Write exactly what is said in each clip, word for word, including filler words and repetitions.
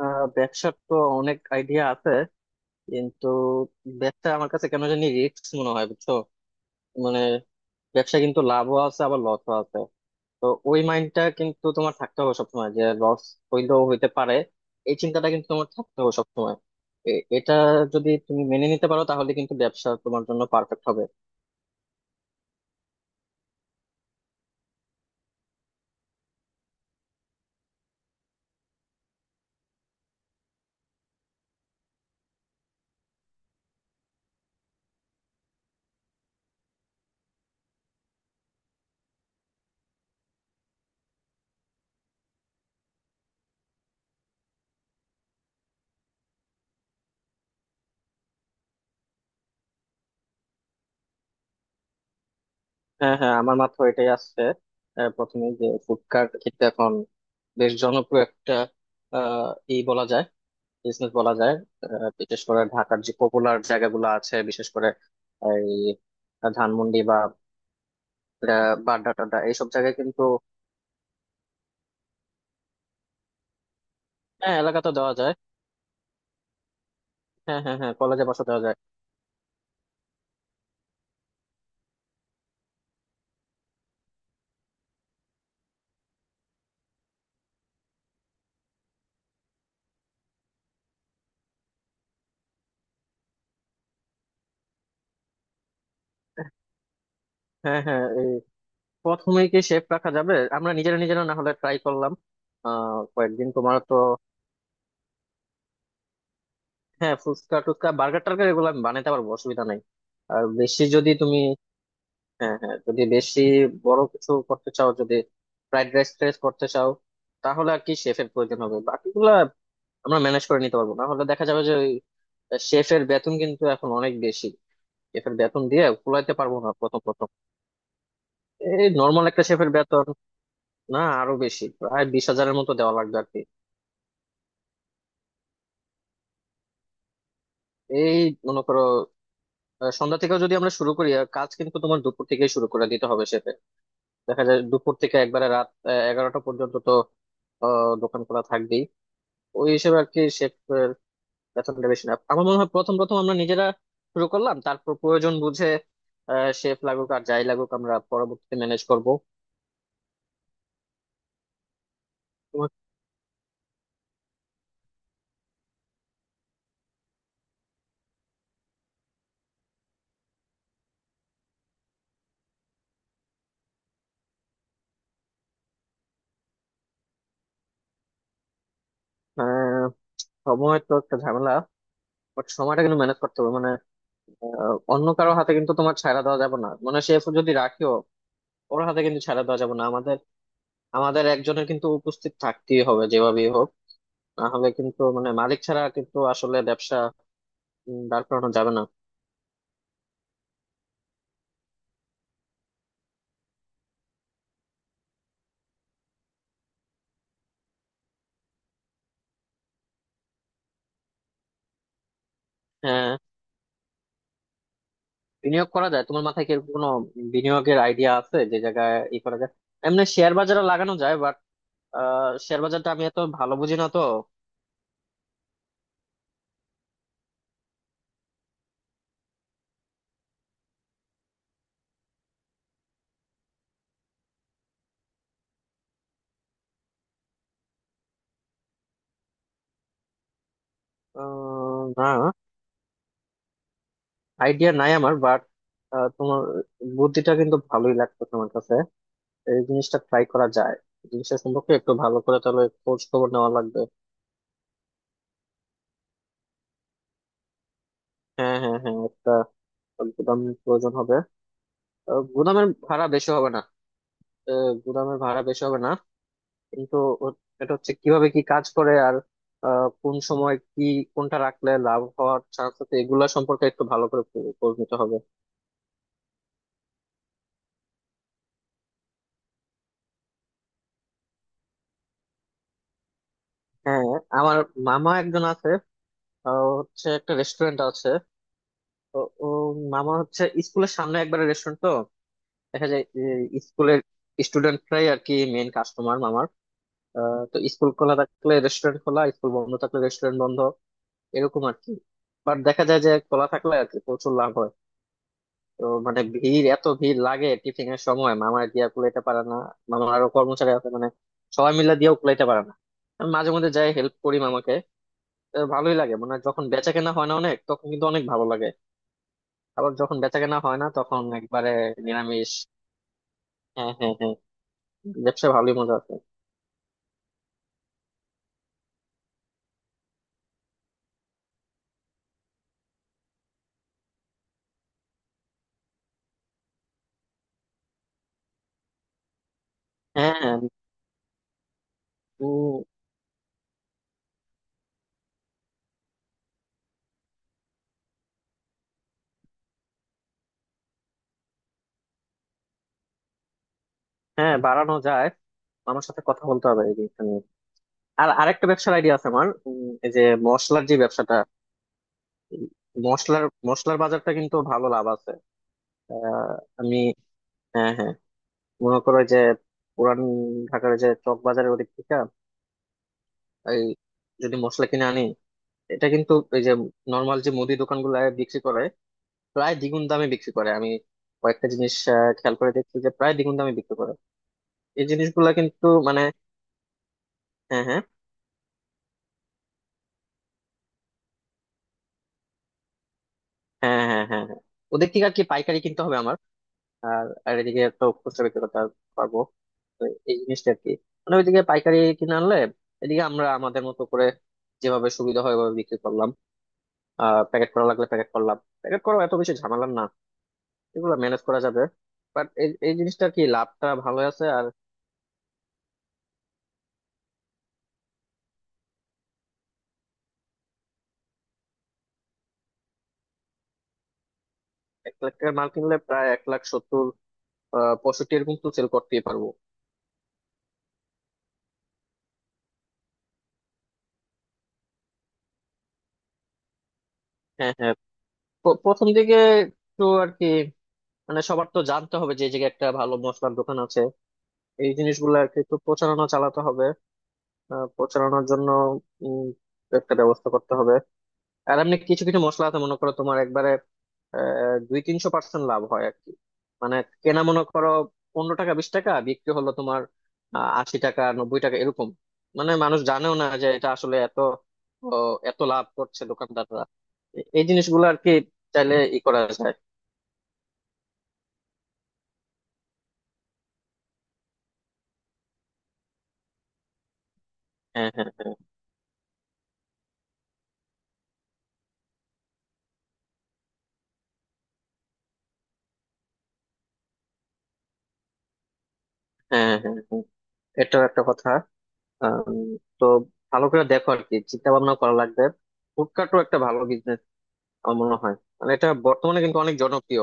আহ ব্যবসার তো অনেক আইডিয়া আছে কিন্তু ব্যবসা আমার কাছে কেন জানি রিস্ক মনে হয়, বুঝছো? মানে ব্যবসা কিন্তু লাভও আছে, আবার লসও আছে। তো ওই মাইন্ডটা কিন্তু তোমার থাকতে হবে সবসময় যে লস হইলেও হইতে পারে। এই চিন্তাটা কিন্তু তোমার থাকতে হবে সবসময়। এ- এটা যদি তুমি মেনে নিতে পারো তাহলে কিন্তু ব্যবসা তোমার জন্য পারফেক্ট হবে। হ্যাঁ, হ্যাঁ, আমার মাথায় এটাই আসছে। আহ, প্রথমে যে ফুড কার্ট কিন্তু এখন বেশ জনপ্রিয় একটা আহ ই বলা যায়, বিজনেস বলা যায়। আহ, বিশেষ করে ঢাকার যে পপুলার জায়গাগুলো আছে, বিশেষ করে এই ধানমন্ডি বা আহ, বাড্ডা টাড্ডা এইসব জায়গায় কিন্তু। হ্যাঁ, এলাকা তো দেওয়া যায়। হ্যাঁ, হ্যাঁ, হ্যাঁ, কলেজে বাসা দেওয়া যায়। হ্যাঁ, হ্যাঁ, এই প্রথমে কি শেপ রাখা যাবে? আমরা নিজেরা নিজেরা না হলে ট্রাই করলাম আহ কয়েকদিন, তোমার তো। হ্যাঁ, ফুচকা টুচকা বার্গার টার্গার এগুলো আমি বানাইতে পারবো, অসুবিধা নাই। আর বেশি যদি তুমি, হ্যাঁ, হ্যাঁ, যদি বেশি বড় কিছু করতে চাও, যদি ফ্রাইড রাইস ট্রাইস করতে চাও, তাহলে আর কি শেফের প্রয়োজন হবে। বাকিগুলা আমরা ম্যানেজ করে নিতে পারবো, না হলে দেখা যাবে যে ওই শেফের বেতন কিন্তু এখন অনেক বেশি। শেফের বেতন দিয়ে কুলাইতে পারবো না প্রথম প্রথম। এই নর্মাল একটা শেফের বেতন, না আরো বেশি, প্রায় বিশ হাজারের মতো দেওয়া লাগবে আর কি। এই মনে করো আহ, সন্ধ্যা থেকেও যদি আমরা শুরু করি, আর কাজ কিন্তু তোমার দুপুর থেকেই শুরু করে দিতে হবে শেফের। দেখা যায় দুপুর থেকে একবারে রাত আহ, এগারোটা পর্যন্ত তো আহ, দোকান খোলা থাকবে। ওই হিসেবে আর কি শেফের বেতনটা বেশি না আমার মনে হয়। প্রথম প্রথম আমরা নিজেরা শুরু করলাম, তারপর প্রয়োজন বুঝে শেফ লাগুক আর যাই লাগুক আমরা পরবর্তীতে ম্যানেজ করবো। তোমার, আহ, সময় তো একটা ঝামেলা। বাট সময়টা কিন্তু ম্যানেজ করতে হবে। মানে আহ, অন্য কারো হাতে কিন্তু তোমার ছাড়া দেওয়া যাবে না, মানে শেফ যদি রাখিও ওর হাতে কিন্তু ছাড়া দেওয়া যাবে না আমাদের। আমাদের একজনের কিন্তু উপস্থিত থাকতেই হবে যেভাবেই হোক। না হলে কিন্তু মানে মালিক ছাড়া কিন্তু আসলে ব্যবসা উম, দাঁড় করানো যাবে না। হ্যাঁ, বিনিয়োগ করা যায়। তোমার মাথায় কি এরকম কোনো বিনিয়োগের আইডিয়া আছে যে জায়গায় ই করা যায়? এমনি শেয়ার বাজারে লাগানো যায় বাট শেয়ার বাজারটা আমি এত ভালো বুঝি না তো। আহ, না, আইডিয়া নাই আমার। বাট তোমার বুদ্ধিটা কিন্তু ভালোই লাগতেছে আমার কাছে। এই জিনিসটা ট্রাই করা যায়। জিনিসটা সম্পর্কে একটু ভালো করে তাহলে খোঁজ খবর নেওয়া লাগবে। হ্যাঁ, হ্যাঁ, হ্যাঁ, একটা গুদাম প্রয়োজন হবে। আহ, গুদামের ভাড়া বেশি হবে না। আহ, গুদামের ভাড়া বেশি হবে না কিন্তু ও- এটা হচ্ছে কিভাবে, কি কাজ করে আর আহ, কোন সময় কি কোনটা রাখলে লাভ হওয়ার চান্স আছে এগুলা সম্পর্কে একটু ভালো করে খো- খোঁজ নিতে হবে। হ্যাঁ, আমার মামা একজন আছে। আহ, হচ্ছে একটা রেস্টুরেন্ট আছে তো। ও মামা হচ্ছে স্কুলের সামনে একবারে রেস্টুরেন্ট তো। দেখা যায় যে স্কুলের স্টুডেন্টরাই আর কি মেন কাস্টমার মামার। আহ, তো স্কুল খোলা থাকলে রেস্টুরেন্ট খোলা, স্কুল বন্ধ থাকলে রেস্টুরেন্ট বন্ধ, এরকম আর কি। বাট দেখা যায় যে খোলা থাকলে আর কি প্রচুর লাভ হয়। তো মানে ভিড়, এত ভিড় লাগে টিফিন এর সময় মামা দিয়া কুলাইতে পারে না। মামার আরো কর্মচারী আছে, মানে সবাই মিলে দিয়েও কুলাইতে পারে না। আমি মাঝে মধ্যে যাই হেল্প করি মামাকে। তো ভালোই লাগে, মানে যখন বেচা কেনা হয় না অনেক তখন কিন্তু অনেক ভালো লাগে। আবার যখন বেচা কেনা হয় না তখন একবারে নিরামিষ। হ্যাঁ, হ্যাঁ, হ্যাঁ, ব্যবসা ভালোই মজা আছে। হ্যাঁ, হ্যাঁ, উম, হ্যাঁ বাড়ানো যায়। আমার সাথে কথা বলতে হবে এই জিনিসটা নিয়ে। আর আরেকটা ব্যবসার আইডিয়া আছে আমার, উম, এই যে মশলার যে ব্যবসাটা, উম, মশলার মশলার বাজারটা কিন্তু ভালো লাভ আছে। আহ, আমি হ্যাঁ, হ্যাঁ, মনে করো যে পুরান ঢাকার যে চক বাজারের ওদিক থেকে এই যদি মশলা কিনে আনি, এটা কিন্তু এই যে নর্মাল যে মুদি দোকানগুলো বিক্রি করে প্রায় দ্বিগুণ দামে বিক্রি করে। আমি কয়েকটা জিনিস আহ, খেয়াল করে দেখছি যে প্রায় দ্বিগুণ দামে বিক্রি করে। এই জিনিসগুলা কিন্তু মানে হ্যাঁ, হ্যাঁ, হ্যাঁ, হ্যাঁ, হ্যাঁ, হ্যাঁ, ওদের থেকে আর কি পাইকারি কিনতে হবে আমার। আর আর এদিকে তো খুচরা বিক্রি করতে পারবো। তো এই জিনিসটা আর কি, মানে ওইদিকে পাইকারি কিনে আনলে এদিকে আমরা আমাদের মতো করে যেভাবে সুবিধা হয় ওভাবে বিক্রি করলাম। আহ প্যাকেট করা লাগলে প্যাকেট করলাম, প্যাকেট করা এত বেশি ঝামেলার না, এগুলো ম্যানেজ করা যাবে। বাট এই এই জিনিসটা কি লাভটা ভালো আছে আর এক লাখ টাকার মাল কিনলে প্রায় এক লাখ সত্তর, আহ পঁয়ষট্টি, এরকম তো সেল করতেই পারবো। হ্যাঁ, হ্যাঁ, প্র- প্রথম দিকে একটু আর কি, মানে সবার তো জানতে হবে যে এই জায়গায় একটা ভালো মশলার দোকান আছে। এই জিনিসগুলো আর কি একটু প্রচারণা চালাতে হবে। আহ, প্রচারণার জন্য উম, একটা ব্যবস্থা করতে হবে। আর এমনি কিছু কিছু মশলা আছে মনে করো তোমার একবারে আহ, দুই তিনশো পার্সেন্ট লাভ হয় আর কি। মানে কেনা মনে করো পনেরো টাকা, বিশ টাকা, বিক্রি হলো তোমার আহ, আশি টাকা, নব্বই টাকা, এরকম। মানে মানুষ জানেও না যে এটা আসলে এত ও, এত লাভ করছে দোকানদাররা। এ- এই জিনিসগুলো আর কি চাইলে ই করা যায়। হ্যাঁ, হ্যাঁ, হ্যাঁ, হ্যাঁ, হ্যাঁ, হ্যাঁ। হ্যাঁ। এটাও একটা কথা। আম, তো ভালো করে দেখো আর কি, চিন্তা ভাবনা করা লাগবে। ফুডকার্টও একটা ভালো বিজনেস আমার মনে হয়, মানে এটা বর্তমানে কিন্তু অনেক জনপ্রিয়।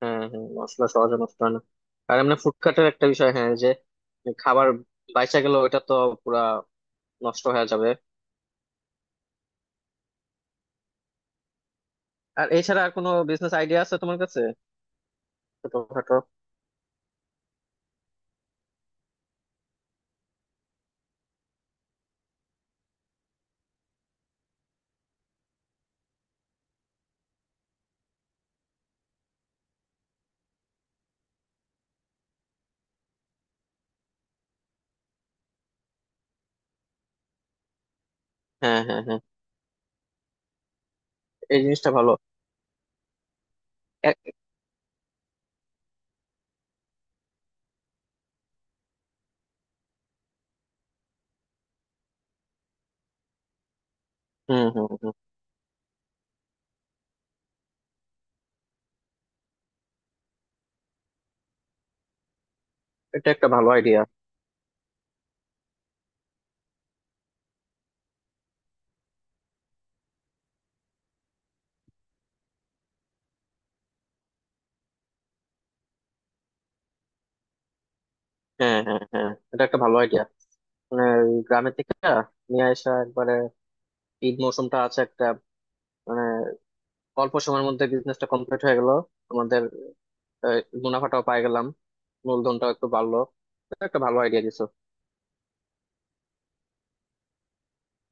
হ্যাঁ, হ্যাঁ, মশলা সহজে নষ্ট হয় না। আর এমনি ফুডকার্টের একটা বিষয় হ্যাঁ যে খাবার বাইচা গেল এটা তো পুরা নষ্ট হয়ে যাবে। আর এছাড়া আর কোনো বিজনেস আইডিয়া আছে তোমার কাছে ছোটখাটো? হ্যাঁ, হ্যাঁ, হ্যাঁ, এই জিনিসটা ভালো। এক- হুম, হুম, হুম, এটা একটা ভালো আইডিয়া। হ্যাঁ, হ্যাঁ, হ্যাঁ, এটা একটা ভালো আইডিয়া। মানে ওই গ্রামের থেকে নিয়ে আসা একবারে। ঈদ মৌসুমটা আছে একটা, মানে অল্প সময়ের মধ্যে বিজনেসটা কমপ্লিট হয়ে গেল আমাদের। এই মুনাফাটাও পাই গেলাম, মূলধনটাও একটু বাড়লো। এটা একটা ভালো আইডিয়া দিছো।